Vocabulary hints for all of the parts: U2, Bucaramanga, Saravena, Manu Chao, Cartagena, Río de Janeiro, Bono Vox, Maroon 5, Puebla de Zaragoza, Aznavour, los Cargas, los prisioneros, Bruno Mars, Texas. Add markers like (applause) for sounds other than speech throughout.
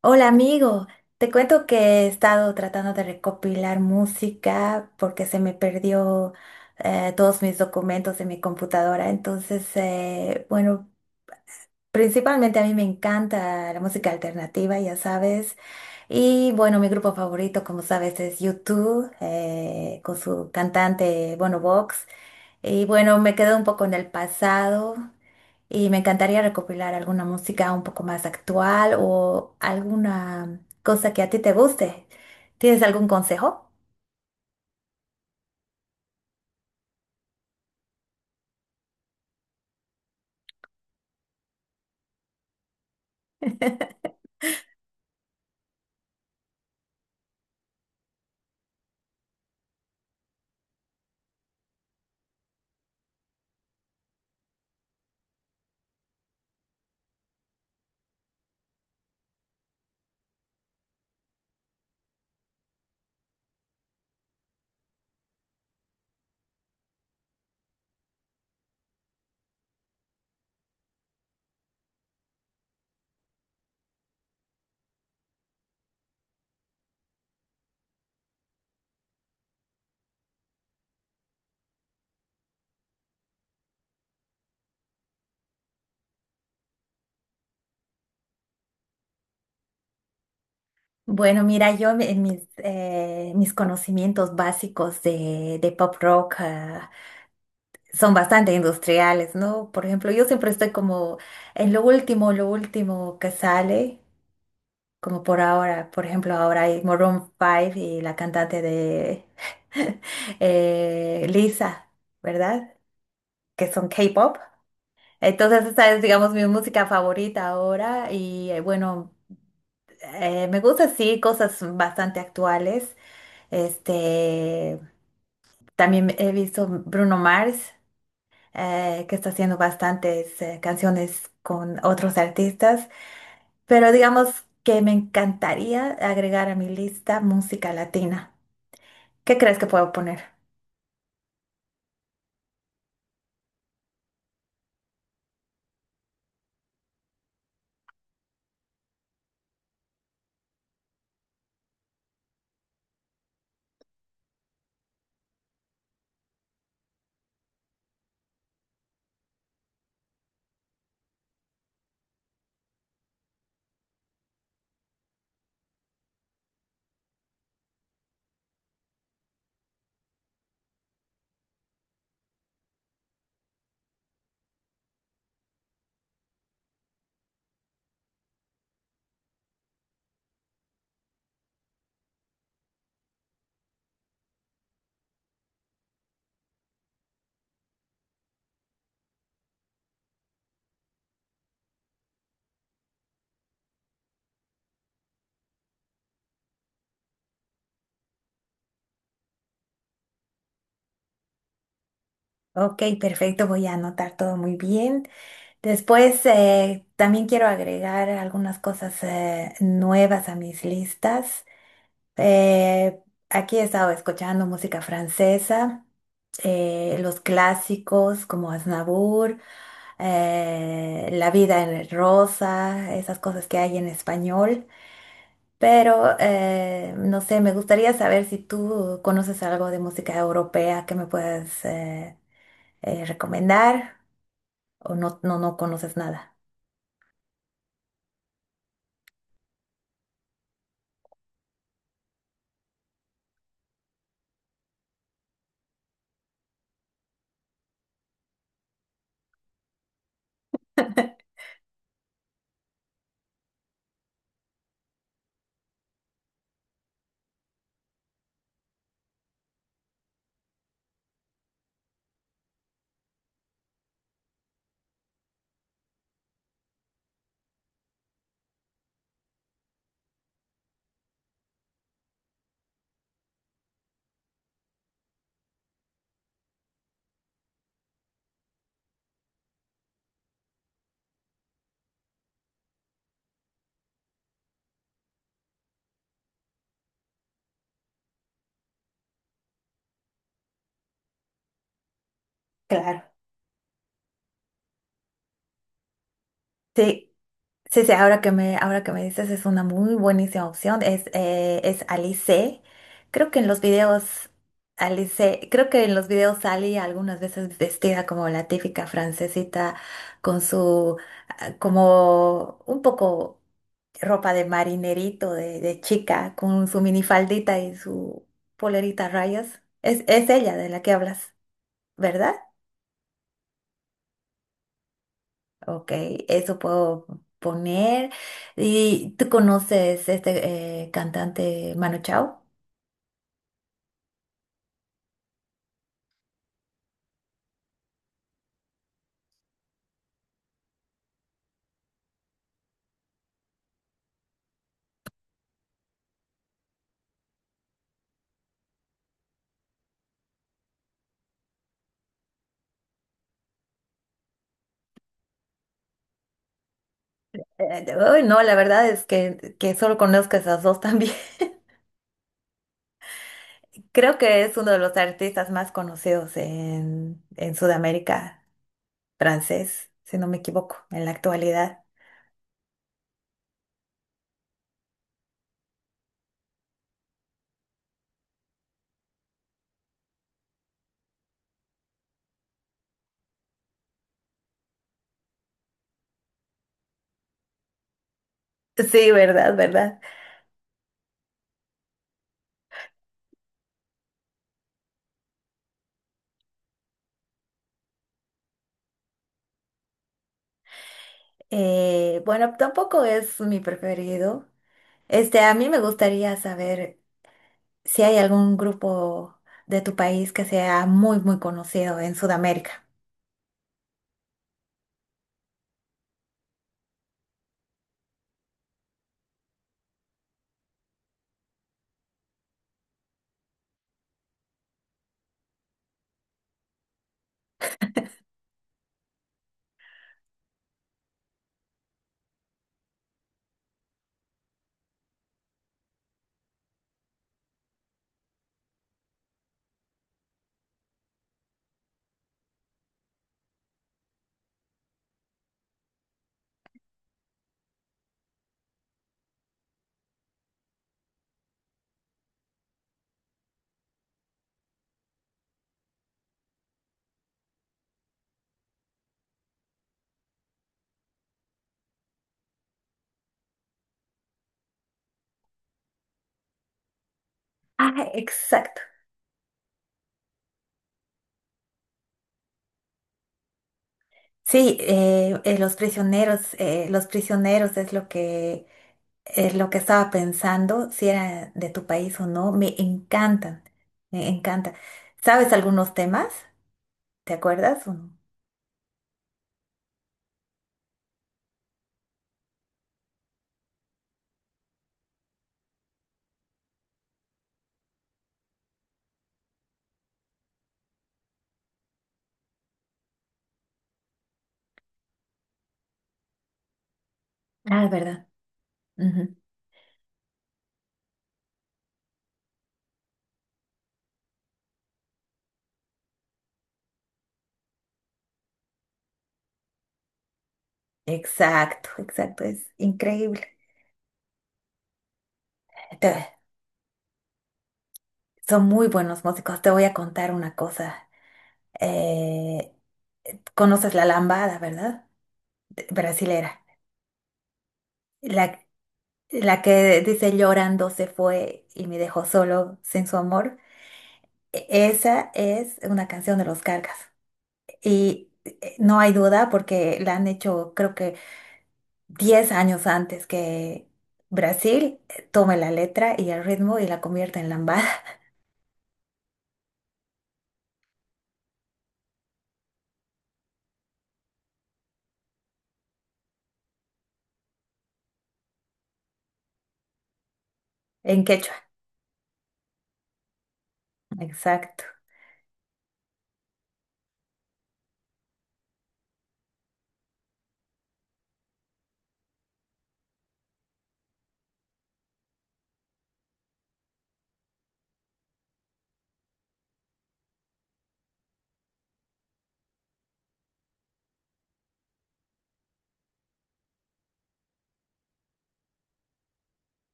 Hola amigo, te cuento que he estado tratando de recopilar música porque se me perdió todos mis documentos de mi computadora. Entonces, bueno, principalmente a mí me encanta la música alternativa, ya sabes. Y bueno, mi grupo favorito, como sabes, es U2 con su cantante, Bono Vox. Y bueno, me quedo un poco en el pasado. Y me encantaría recopilar alguna música un poco más actual o alguna cosa que a ti te guste. ¿Tienes algún consejo? Bueno, mira, yo en mis, mis conocimientos básicos de pop rock son bastante industriales, ¿no? Por ejemplo, yo siempre estoy como en lo último que sale, como por ahora, por ejemplo, ahora hay Maroon 5 y la cantante de (laughs) Lisa, ¿verdad? Que son K-pop. Entonces esa es, digamos, mi música favorita ahora y bueno, me gusta sí cosas bastante actuales. Este, también he visto Bruno Mars, que está haciendo bastantes canciones con otros artistas, pero digamos que me encantaría agregar a mi lista música latina. ¿Qué crees que puedo poner? Ok, perfecto, voy a anotar todo muy bien. Después, también quiero agregar algunas cosas nuevas a mis listas. Eh, aquí he estado escuchando música francesa, los clásicos como Aznavour, La vida en rosa, esas cosas que hay en español. Pero, no sé, me gustaría saber si tú conoces algo de música europea que me puedas recomendar o no, no, no conoces nada. Claro. Sí. Sí, sí, ahora que me dices es una muy buenísima opción. Es Alice. Creo que en los videos, Alice, creo que en los videos salí algunas veces vestida como la típica francesita con su, ah, como un poco ropa de marinerito, de chica, con su minifaldita y su polerita a rayas. Es ella de la que hablas, ¿verdad? Ok, eso puedo poner. ¿Y tú conoces este cantante Manu Chao? Uy, no, la verdad es que solo conozco esas dos también. (laughs) Creo que es uno de los artistas más conocidos en Sudamérica, francés, si no me equivoco, en la actualidad. Sí, verdad, verdad. Bueno, tampoco es mi preferido. Este, a mí me gustaría saber si hay algún grupo de tu país que sea muy, muy conocido en Sudamérica. Ah, exacto. Sí, los prisioneros es lo que estaba pensando, si era de tu país o no. Me encantan, me encantan. ¿Sabes algunos temas? ¿Te acuerdas o no? Ah, verdad. Ujú. Exacto, exacto. Es increíble. Te- son muy buenos músicos. Te voy a contar una cosa. Eh, ¿Conoces la lambada, verdad? De- Brasilera. La, la que dice llorando se fue y me dejó solo sin su amor. E- esa es una canción de los Cargas. Y no hay duda porque la han hecho creo que 10 años antes que Brasil tome la letra y el ritmo y la convierta en lambada, (laughs) en quechua. Exacto,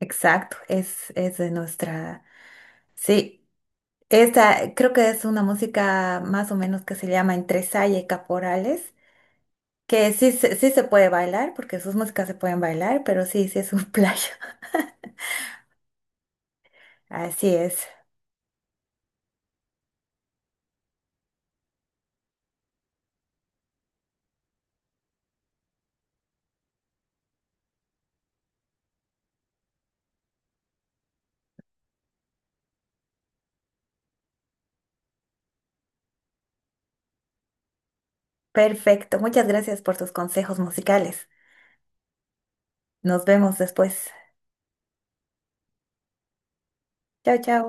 exacto. Es de nuestra... Sí. Esta creo que es una música más o menos que se llama entre saya y caporales, que sí se puede bailar, porque sus músicas se pueden bailar, pero sí, sí es un (laughs) playo. Así es. Perfecto. Muchas gracias por tus consejos musicales. Nos vemos después. Chao, chao.